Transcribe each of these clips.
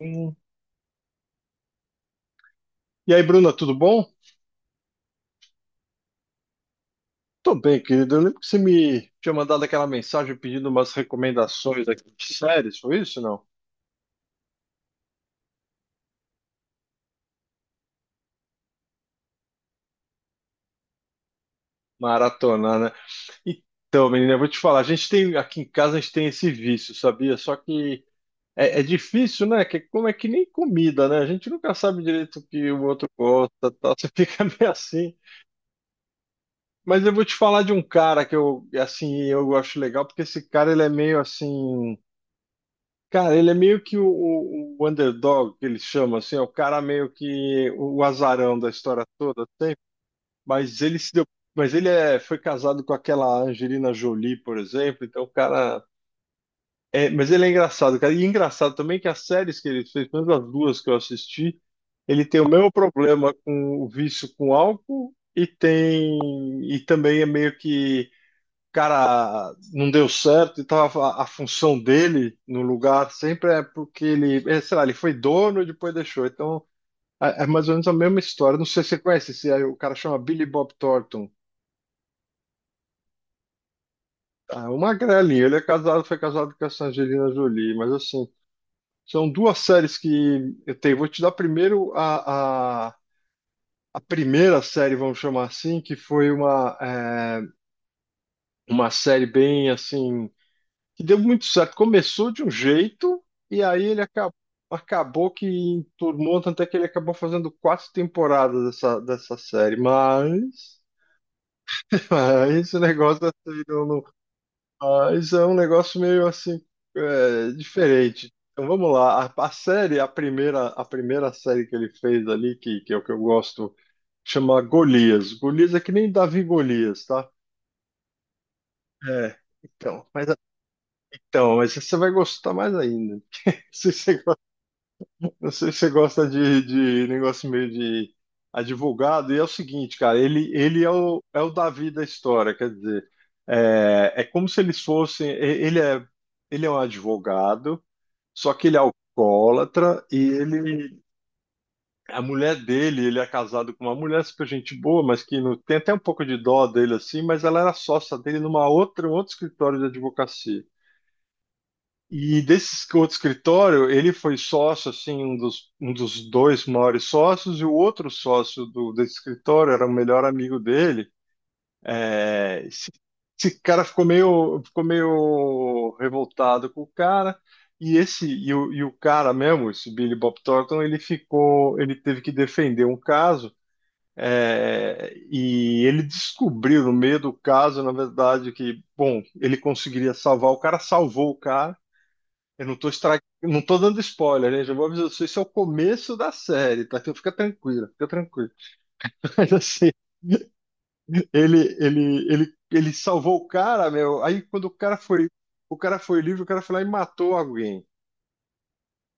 Hum. E aí, Bruna, tudo bom? Tô bem, querido. Eu lembro que você me tinha mandado aquela mensagem pedindo umas recomendações aqui de séries, foi isso, não? Maratona, né? Então, menina, eu vou te falar, a gente tem aqui em casa a gente tem esse vício, sabia? Só que é difícil, né? Que, como é que nem comida, né? A gente nunca sabe direito o que o outro gosta, tal. Você fica meio assim. Mas eu vou te falar de um cara que eu, assim, eu acho legal, porque esse cara, ele é meio assim. Cara, ele é meio que o, o underdog, que ele chama, assim, é o cara meio que o azarão da história toda, assim. Mas ele se deu, mas ele foi casado com aquela Angelina Jolie, por exemplo, então o cara mas ele é engraçado, cara, e engraçado também que as séries que ele fez, pelo menos as duas que eu assisti, ele tem o mesmo problema com o vício com álcool, e tem, e também é meio que cara não deu certo e tava a função dele no lugar sempre é porque ele, sei lá, ele foi dono e depois deixou. Então é mais ou menos a mesma história. Não sei se você conhece, se é- o cara chama Billy Bob Thornton. Ah, uma grelinha, foi casado com essa Angelina Jolie, mas assim, são duas séries que eu tenho. Vou te dar primeiro a primeira série, vamos chamar assim, que foi uma, uma série bem assim, que deu muito certo. Começou de um jeito e aí acabou que enturmou, tanto é que ele acabou fazendo quatro temporadas dessa série, mas, mas esse negócio assim, mas é um negócio meio assim, diferente. Então vamos lá, a série, a primeira série que ele fez ali, que é o que eu gosto, chama Golias. Golias é que nem Davi Golias, tá? É, então, mas, então, mas você vai gostar mais ainda. Se você... Eu sei que você gosta de negócio meio de advogado, e é o seguinte, cara, ele é o, é o Davi da história, quer dizer, é como se eles fossem, ele é, ele é um advogado, só que ele é alcoólatra, a mulher dele. Ele é casado com uma mulher super gente boa, mas que não, tem até um pouco de dó dele, assim, mas ela era sócia dele numa outra, um outro escritório de advocacia. E desse outro escritório, ele foi sócio, assim, um dos dois maiores sócios, e o outro sócio desse escritório era o melhor amigo dele. É, esse, esse cara ficou meio revoltado com o cara, e o cara mesmo, esse Billy Bob Thornton, ele teve que defender um caso. É, e ele descobriu no meio do caso, na verdade, que, bom, ele conseguiria salvar o cara, salvou o cara, eu não tô estra... não tô dando spoiler, né? Já vou avisar vocês, isso é o começo da série, tá? Então fica tranquilo, fica tranquilo. Mas assim, ele salvou o cara, meu. Aí quando o cara foi livre, o cara foi lá e matou alguém.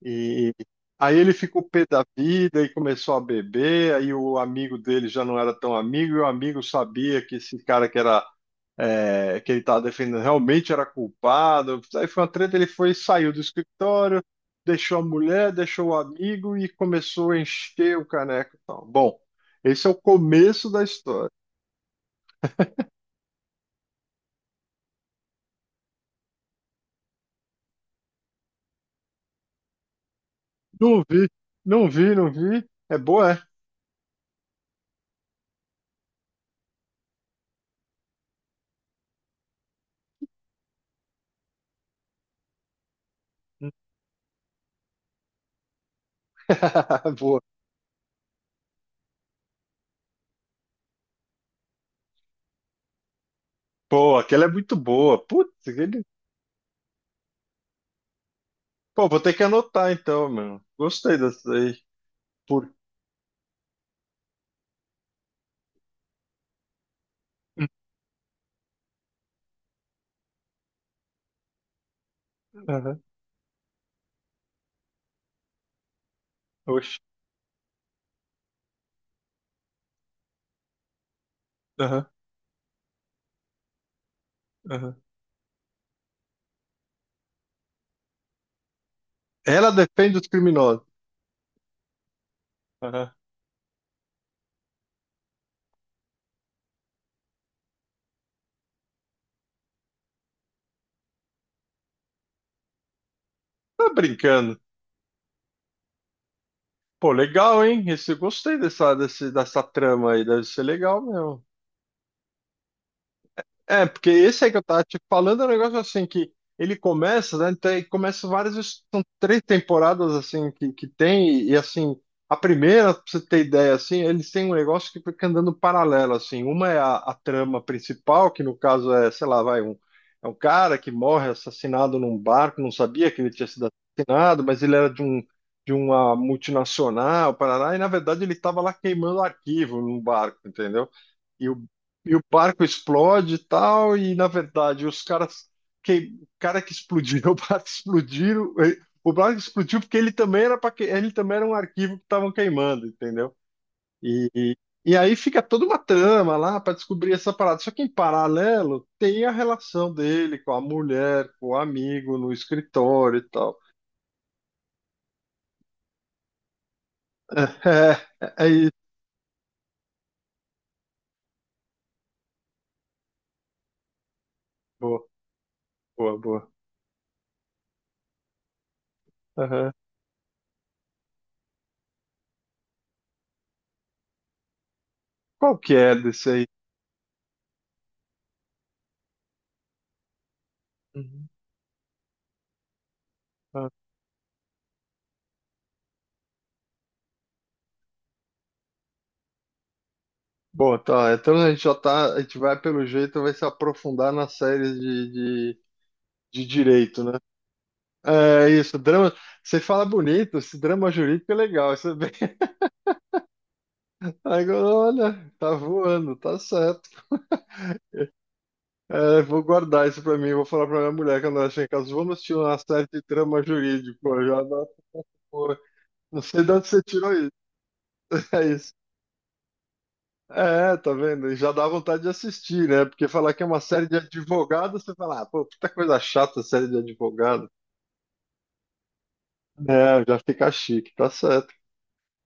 E aí ele ficou pé da vida e começou a beber. Aí o amigo dele já não era tão amigo, e o amigo sabia que esse cara que era é, que ele estava defendendo realmente era culpado. Aí foi uma treta, saiu do escritório, deixou a mulher, deixou o amigo e começou a encher o caneco e tal. Bom, esse é o começo da história. Não vi, não vi, não vi. É boa, é? Boa. Pô, aquela é muito boa. Putz, aquele... Pô, vou ter que anotar então, mano. Gostei dessa aí. Por... Aham, oxe. Aham, aham. Ela defende os criminosos. Aham. Tá brincando. Pô, legal, hein? Esse, eu gostei dessa, dessa trama aí, deve ser legal mesmo. É, porque esse aí que eu tava te falando é um negócio assim que ele começa, né? Então, ele começa várias, são três temporadas assim que tem, e assim, a primeira, pra você ter ideia, assim, eles têm um negócio que fica andando paralelo, assim. Uma é a trama principal, que no caso é, sei lá, vai, um, é um cara que morre assassinado num barco, não sabia que ele tinha sido assassinado, mas ele era de um. De uma multinacional, Paraná, e na verdade ele estava lá queimando arquivo num barco, entendeu? E o e o barco explode e tal, e na verdade os caras, que, o cara que explodiu, o barco explodiu, o barco explodiu porque ele também era para ele também era um arquivo que estavam queimando, entendeu? E, e, e aí fica toda uma trama lá para descobrir essa parada. Só que em paralelo tem a relação dele com a mulher, com o amigo no escritório e tal. É isso. Boa, boa, boa. Aham. Qual que é desse aí? Uhum. Bom, tá. Então a gente já tá. A gente vai, pelo jeito, vai se aprofundar nas séries de, de direito, né? É isso, drama. Você fala bonito, esse drama jurídico é legal. Isso é bem... Agora, olha, tá voando, tá certo. É, vou guardar isso pra mim, vou falar pra minha mulher quando ela chegar em casa. Vamos assistir uma série de drama jurídico. Eu já não sei de onde você tirou isso. É isso. É, tá vendo? E já dá vontade de assistir, né? Porque falar que é uma série de advogados, você fala, ah, pô, puta coisa chata série de advogado. É, já fica chique, tá certo.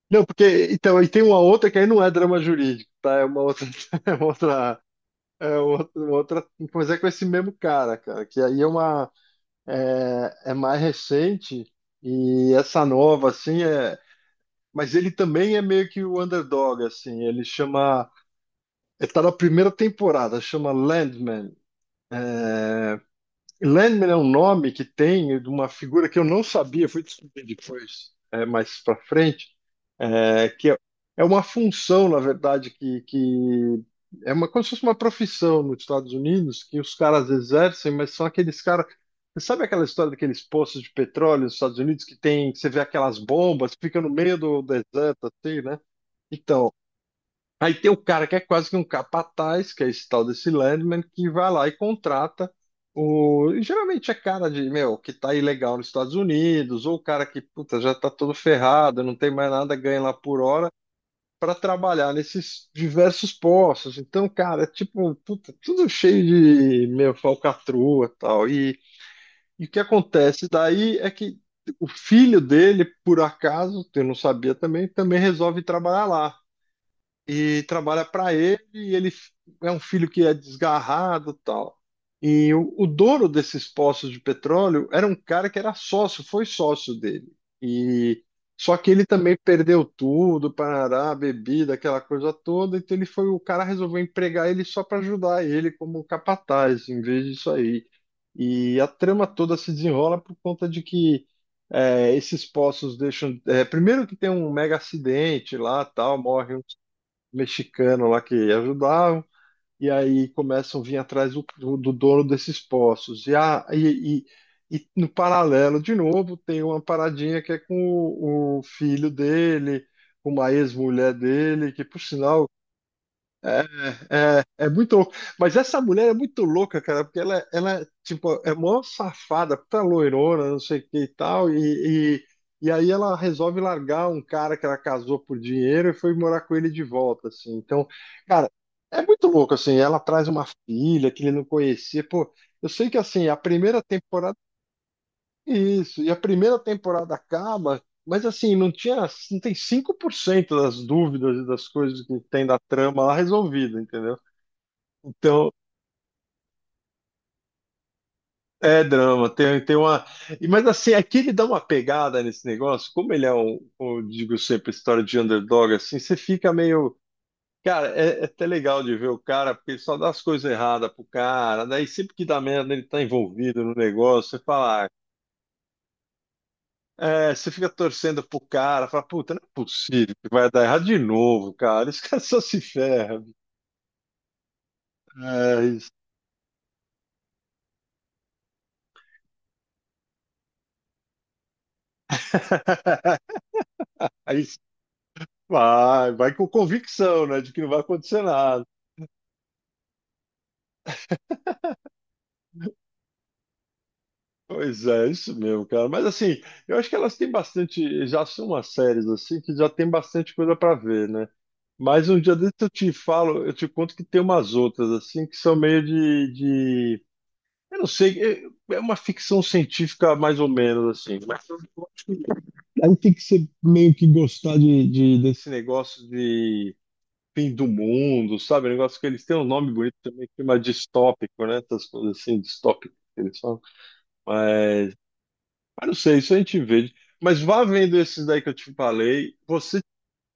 Não, porque, então, e tem uma outra que aí não é drama jurídico, tá? É uma outra, uma outra, mas é com esse mesmo cara, cara, que aí é uma, é mais recente, e essa nova, assim, é, mas ele também é meio que o underdog, assim, ele chama, ele tá na primeira temporada, chama Landman. É, Landman é um nome que tem de uma figura que eu não sabia, fui descobrir depois, mais para frente, é, que é, é uma função, na verdade, que é uma, como se fosse uma profissão nos Estados Unidos que os caras exercem, mas são aqueles caras. Você sabe aquela história daqueles poços de petróleo nos Estados Unidos que tem, que você vê aquelas bombas, fica no meio do deserto, assim, né? Então, aí tem o cara que é quase que um capataz, que é esse tal desse Landman, que vai lá e contrata o. e geralmente é cara de, meu, que tá ilegal nos Estados Unidos, ou o cara que, puta, já tá todo ferrado, não tem mais nada, ganha lá por hora, para trabalhar nesses diversos postos. Então, cara, é tipo, puta, tudo cheio de, meu, falcatrua e tal. E o que acontece daí é que o filho dele, por acaso, eu não sabia também, também resolve trabalhar lá e trabalha para ele, e ele é um filho que é desgarrado, tal. E o dono desses poços de petróleo era um cara que era sócio, foi sócio dele. E só que ele também perdeu tudo, parará, bebida, aquela coisa toda, então ele foi, o cara resolveu empregar ele só para ajudar ele como um capataz, em vez disso aí. E a trama toda se desenrola por conta de que esses poços deixam. Primeiro que tem um mega acidente lá, tal, morre um mexicano lá que ajudavam, e aí começam a vir atrás do dono desses poços. E no paralelo, de novo, tem uma paradinha que é com o filho dele, com uma ex-mulher dele, que por sinal... é, é muito louco. Mas essa mulher é muito louca, cara, porque ela tipo, é mó safada, puta loirona, não sei o que e tal, e aí ela resolve largar um cara que ela casou por dinheiro e foi morar com ele de volta, assim. Então, cara, é muito louco, assim. Ela traz uma filha que ele não conhecia. Pô, eu sei que, assim, a primeira temporada é isso, e a primeira temporada acaba, mas, assim, não tem 5% das dúvidas e das coisas que tem da trama lá resolvida, entendeu? Então, é drama, tem, tem uma. Mas assim, aqui ele dá uma pegada nesse negócio, como ele é um, digo sempre, história de underdog, assim, você fica meio. Cara, é até legal de ver o cara, porque ele só dá as coisas erradas pro cara, daí sempre que dá merda ele tá envolvido no negócio, você fala, ah, é, você fica torcendo pro cara, fala, puta, não é possível que vai dar errado de novo, cara, esse cara só se ferra. É, isso. Aí vai com convicção, né, de que não vai acontecer nada. Pois é, isso mesmo, cara. Mas assim, eu acho que elas têm bastante, já são umas séries assim que já tem bastante coisa pra ver, né? Mas um dia desse eu te falo, eu te conto que tem umas outras assim que são meio de... eu não sei, é uma ficção científica mais ou menos assim. Mas eu acho que aí tem que ser meio que gostar desse negócio de fim do mundo, sabe? Um negócio que eles têm um nome bonito também, que chama distópico, né? Essas coisas assim, distópico, que eles falam. Mas não sei, isso a gente vê. Mas vá vendo esses daí que eu te falei.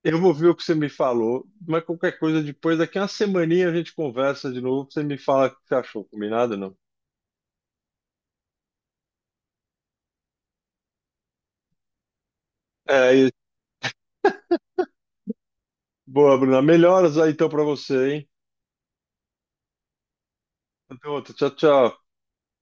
Eu vou ver o que você me falou, mas qualquer coisa depois, daqui a uma semaninha a gente conversa de novo. Você me fala o que você achou, combinado ou não? É, e- Boa, Bruna. Melhoras aí então pra você, hein? Até outra. Tchau, tchau.